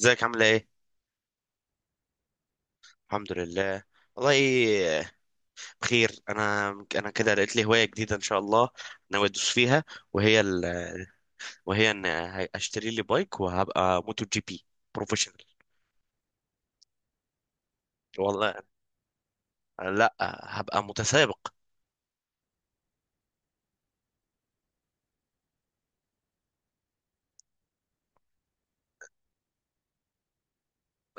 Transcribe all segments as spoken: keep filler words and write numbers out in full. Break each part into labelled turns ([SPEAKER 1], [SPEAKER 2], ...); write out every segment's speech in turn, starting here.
[SPEAKER 1] ازيك عاملة ايه؟ الحمد لله. والله إيه، بخير انا انا كده لقيت لي هواية جديدة ان شاء الله، ناوي ادوس فيها، وهي ال... وهي ان اشتري لي بايك وهبقى موتو جي بي بروفيشنال. والله لا، هبقى متسابق.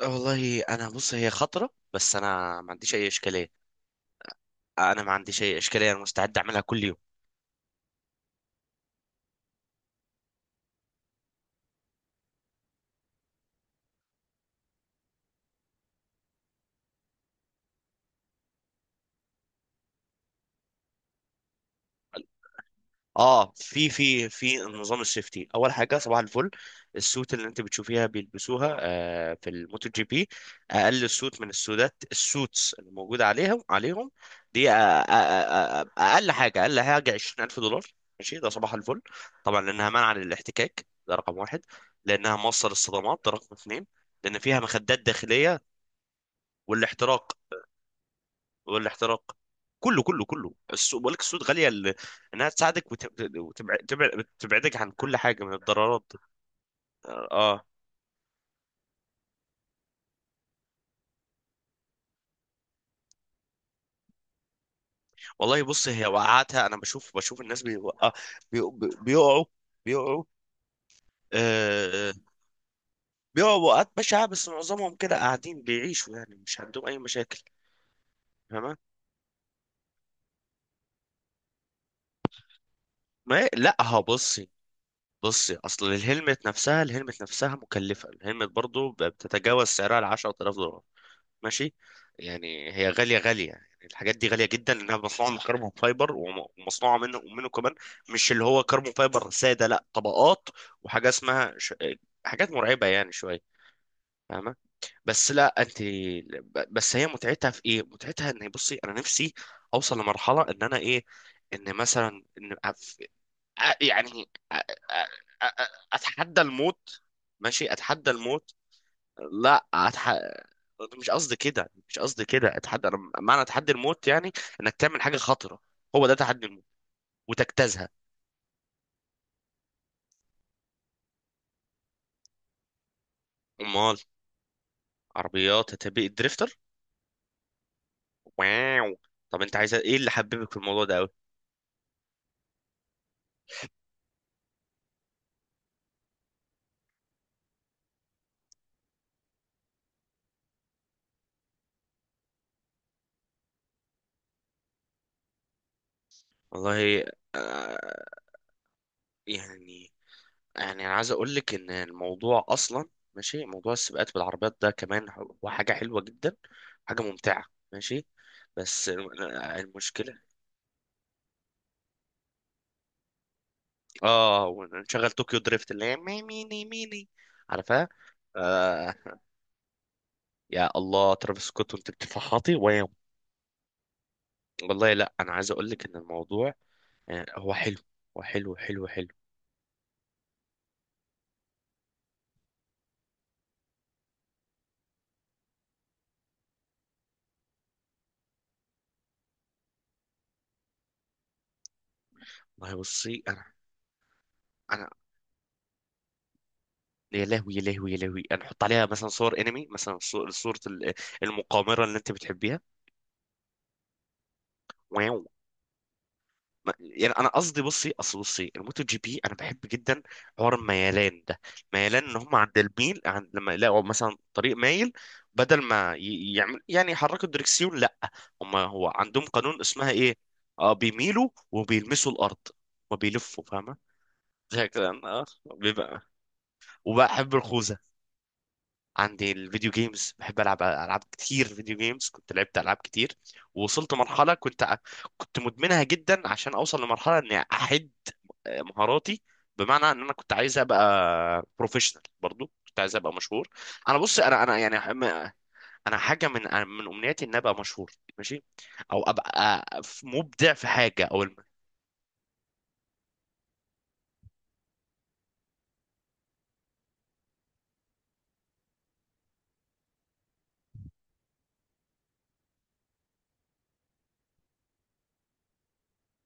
[SPEAKER 1] والله انا بص، هي خطرة بس انا ما عنديش اي اشكالية. انا ما عنديش اي اشكالية، انا مستعد اعملها كل يوم. اه، في في في نظام السيفتي، اول حاجه صباح الفل، السوت اللي انت بتشوفيها بيلبسوها آه في الموتو جي بي، اقل سوت من السودات، السوتس اللي موجوده عليهم عليهم دي، آه، آه، آه، آه، آه، اقل حاجه اقل حاجه عشرين الف دولار. ماشي، ده صباح الفل، طبعا لانها منع للاحتكاك، ده رقم واحد. لانها موصل الصدمات، ده رقم اثنين. لان فيها مخدات داخليه، والاحتراق. والاحتراق، كله كله كله السوق بقول لك، السوق غاليه ل... انها تساعدك وتبعدك وتبع... تبع- تبعدك عن كل حاجه من الضررات. اه آه. والله بص، هي وقعتها، انا بشوف، بشوف الناس بيوقع، بي... بي- بيقعوا بيقعوا. آه... بيقعوا وقعات بشعه، بس معظمهم كده قاعدين بيعيشوا، يعني مش عندهم اي مشاكل، فاهمه. ما لا، ها بصي، بصي اصل الهلمت نفسها، الهلمت نفسها مكلفه، الهلمت برضو بتتجاوز سعرها ال عشرة آلاف دولار. ماشي، يعني هي غاليه غاليه، يعني الحاجات دي غاليه جدا لانها مصنوعه من كربون فايبر، وم- ومصنوعه منه ومنه كمان، مش اللي هو كربون فايبر ساده، لا، طبقات. وحاجه اسمها ش... حاجات مرعبه يعني شويه، فاهمه. بس لا انت، ب- بس هي متعتها في ايه؟ متعتها ان، بصي انا نفسي اوصل لمرحله ان انا ايه، ان مثلا ان أف... أ- يعني أ... أ... أ... اتحدى الموت. ماشي، اتحدى الموت. لا، مش قصدي كده، مش قصدي كده. اتحدى، انا معنى تحدي الموت يعني انك تعمل حاجه خطره، هو ده تحدي الموت، وتجتازها. امال. عربيات، هتبقى دريفتر. واو. طب انت عايز ايه اللي حببك في الموضوع ده قوي؟ والله آه، يعني، يعني انا عايز اقول لك ان الموضوع اصلا، ماشي، موضوع السباقات بالعربيات ده كمان هو حاجه حلوه جدا، حاجه ممتعه. ماشي. بس المشكله. اه، ونشغل طوكيو دريفت اللي هي ميني ميني، عارفها. آه، يا الله، ترافيس سكوت وانت بتفحطي وياه. والله لا، انا عايز اقول لك ان الموضوع آه، هو حلو، هو حلو حلو حلو. والله بصي، انا انا. يا لهوي، يا لهوي، يا لهوي، انا احط عليها مثلا صور انمي، مثلا صو- صورة ال- المقامرة اللي انت بتحبيها. ما- يعني انا قصدي، بصي اصل، بصي الموتو جي بي انا بحب جدا حوار الميلان ده. ميلان، ان هم عند الميل، عند لما يلاقوا مثلا طريق مايل، بدل ما ي- يعمل، يعني يحركوا الدركسيون، لا، هم، هو عندهم قانون اسمها ايه، اه بيميلوا وبيلمسوا الارض وبيلفوا، فاهمه. زي كده آه، بيبقى. وبحب الخوذه. عندي الفيديو جيمز، بحب العب العاب كتير فيديو جيمز. كنت لعبت العاب كتير، ووصلت مرحله كنت، كنت مدمنها جدا عشان اوصل لمرحله اني احد مهاراتي، بمعنى ان انا كنت عايز ابقى بروفيشنال، برضو كنت عايز ابقى مشهور. انا بص، انا انا يعني م- انا حاجه من من امنياتي ان ابقى مشهور، ماشي، او ابقى آه، ف- مبدع في حاجه او الم...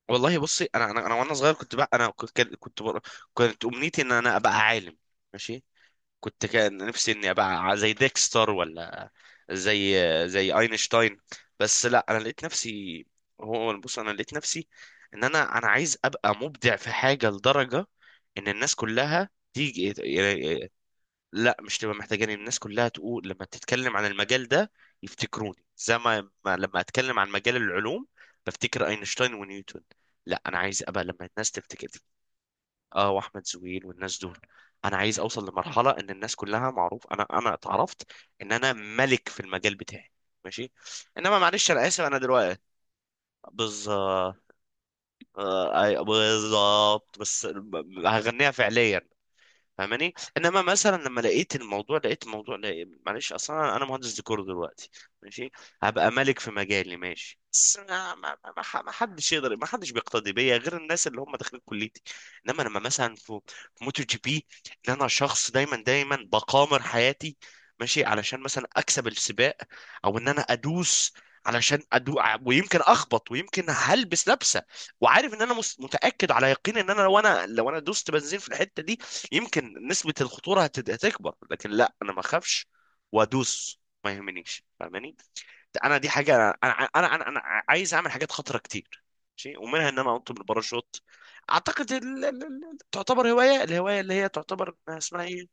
[SPEAKER 1] والله بصي، انا انا انا وانا صغير، كنت بقى انا كنت، كنت كنت امنيتي ان انا ابقى عالم. ماشي. كنت كان نفسي اني ابقى زي ديكستر، ولا زي، زي اينشتاين. بس لا، انا لقيت نفسي، هو بص، انا لقيت نفسي ان انا انا عايز ابقى مبدع في حاجه لدرجه ان الناس كلها تيجي يعني. لا، مش تبقى محتاجاني، الناس كلها تقول لما تتكلم عن المجال ده يفتكروني، زي ما ما- لما اتكلم عن مجال العلوم بفتكر اينشتاين ونيوتن. لا، انا عايز ابقى لما الناس تفتكر. اه، واحمد زويل والناس دول. انا عايز اوصل لمرحله ان الناس كلها معروف انا انا اتعرفت ان انا ملك في المجال بتاعي. ماشي. انما معلش، انا اسف انا دلوقتي. بالظبط. آه، أي- بالظبط، بس، هغنيها فعليا، فاهماني. انما مثلا لما لقيت الموضوع لقيت الموضوع لقيت معلش، اصلا انا، أنا مهندس ديكور دلوقتي. ماشي. هبقى ملك في مجالي، ماشي. بس أنا- ما ما ما ح- ما حدش يقدر، ما حدش بيقتدي بيا غير الناس اللي هم داخلين كليتي. انما لما مثلا في، في موتو جي بي، ان انا شخص دايما دايما بقامر حياتي، ماشي علشان مثلا اكسب السباق، او ان انا ادوس، علشان ادوق ويمكن اخبط، ويمكن هلبس لبسه وعارف ان انا مس- متاكد على يقين ان انا لو انا، لو انا دوست بنزين في الحته دي يمكن نسبة الخطورة هتد- هتكبر، لكن لا، انا ما اخافش وادوس ما يهمنيش، فاهماني. انا دي حاجة، انا انا انا, أنا, أنا عايز اعمل حاجات خطرة كتير، ماشي، ومنها ان انا انط بالباراشوت. اعتقد ال... ال... ال- تعتبر هواية، الهواية اللي هي تعتبر اسمها ايه.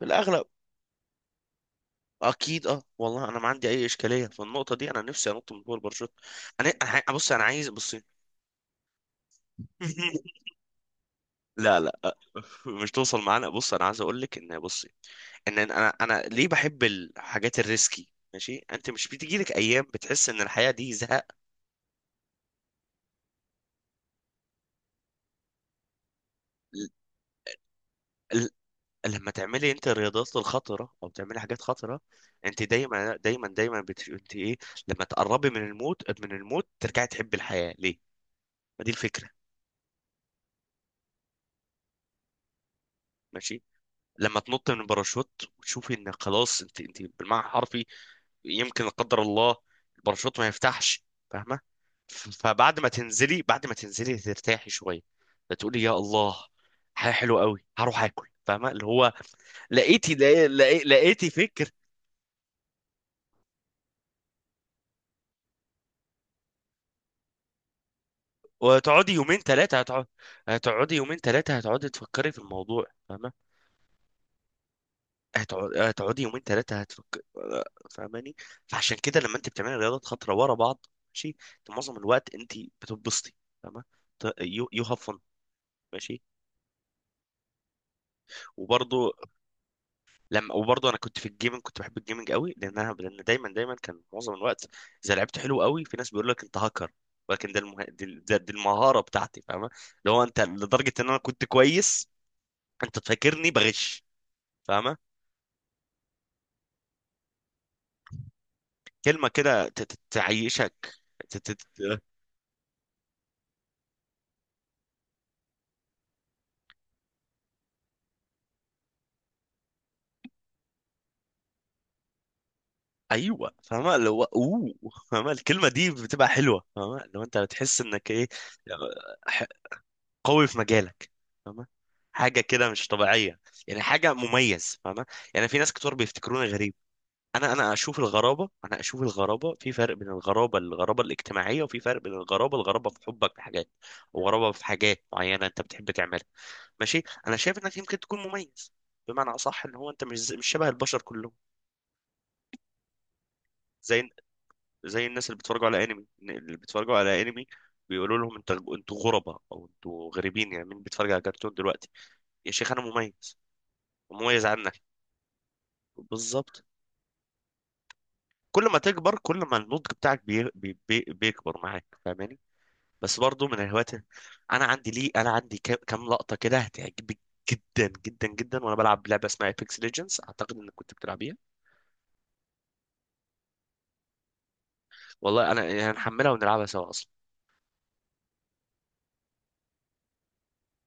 [SPEAKER 1] بالاغلب. اكيد اه، والله انا ما عندي اي اشكاليه في النقطه دي، انا نفسي انط من فوق الباراشوت. انا أنا- بص، انا عايز بص. لا لا، مش توصل معانا. بص انا عايز اقول لك ان، بصي، ان انا انا ليه بحب الحاجات الريسكي. ماشي. انت مش بتيجي لك ايام بتحس ان الحياه دي زهق؟ ل- ل- لما تعملي انت الرياضات الخطره، او تعملي حاجات خطره، انت دايما دايما دايما بت... انت ايه، لما تقربي من الموت، من الموت ترجعي تحبي الحياه، ليه؟ ما دي الفكره. ماشي. لما تنط من الباراشوت وتشوفي ان خلاص، انت انت بالمعنى الحرفي يمكن لا قدر الله الباراشوت ما يفتحش، فاهمه. ف- فبعد ما تنزلي، بعد ما تنزلي ترتاحي شويه، فتقولي يا الله، حاجه حلوه قوي، هروح اكل، فاهمه اللي هو لقيتي لقي- لقي- لقيتي فكر. وهتقعدي يومين ثلاثه، هتقعد، هتقعدي يومين ثلاثه هتقعدي تفكري في الموضوع، فاهمه. هتقعد- هتقعدي يومين ثلاثة هتفك. فاهماني. فعشان كده لما انت بتعملي رياضات خطرة ورا بعض، ماشي، انت معظم الوقت انت بتتبسطي، فاهمة. يو يو هاف فن. ماشي. وبرضه، لما وبرضه انا كنت في الجيمنج، كنت بحب الجيمنج قوي، لان انا لان دايما دايما كان معظم الوقت اذا لعبت حلو قوي، في ناس بيقول لك انت هاكر، ولكن ده المه... دي, ده- دي المهارة بتاعتي، فاهمة. اللي هو انت لدرجة ان انا كنت كويس، انت تفكرني بغش، فاهمة. كلمة كده ت- ت- تعيشك. ايوه، فاهمه، اللي هو اوه. فاهمه الكلمه دي بتبقى حلوه، فاهمه، لو انت بتحس انك ايه، ح- قوي في مجالك، فاهمه، حاجه كده مش طبيعيه، يعني حاجه مميز، فاهمه. يعني في ناس كتير بيفتكروني غريب. انا انا اشوف الغرابه، انا اشوف الغرابه في، فرق بين الغرابه، الغرابه الاجتماعيه، وفي فرق بين الغرابه، الغرابه في حبك لحاجات، وغرابه في حاجات معينه انت بتحب تعملها. ماشي. انا شايف انك يمكن تكون مميز، بمعنى اصح ان هو انت مش مش شبه البشر كلهم، زي، زي الناس اللي بيتفرجوا على انمي، اللي بيتفرجوا على انمي بيقولوا لهم انت، انتوا غرباء او انتوا غريبين، يعني مين بيتفرج على كرتون دلوقتي؟ يا شيخ، انا مميز، مميز عنك. بالظبط. كل ما تكبر، كل ما النضج بتاعك بي... بي... بي... بيكبر معاك، فاهماني. بس برضو من الهوايات انا عندي ليه، انا عندي كام كام لقطة كده هتعجبك جدا جدا جدا، وانا بلعب لعبة اسمها ايبكس ليجندز، اعتقد انك كنت بتلعبيها. والله انا يعني هنحملها ونلعبها سوا اصلا.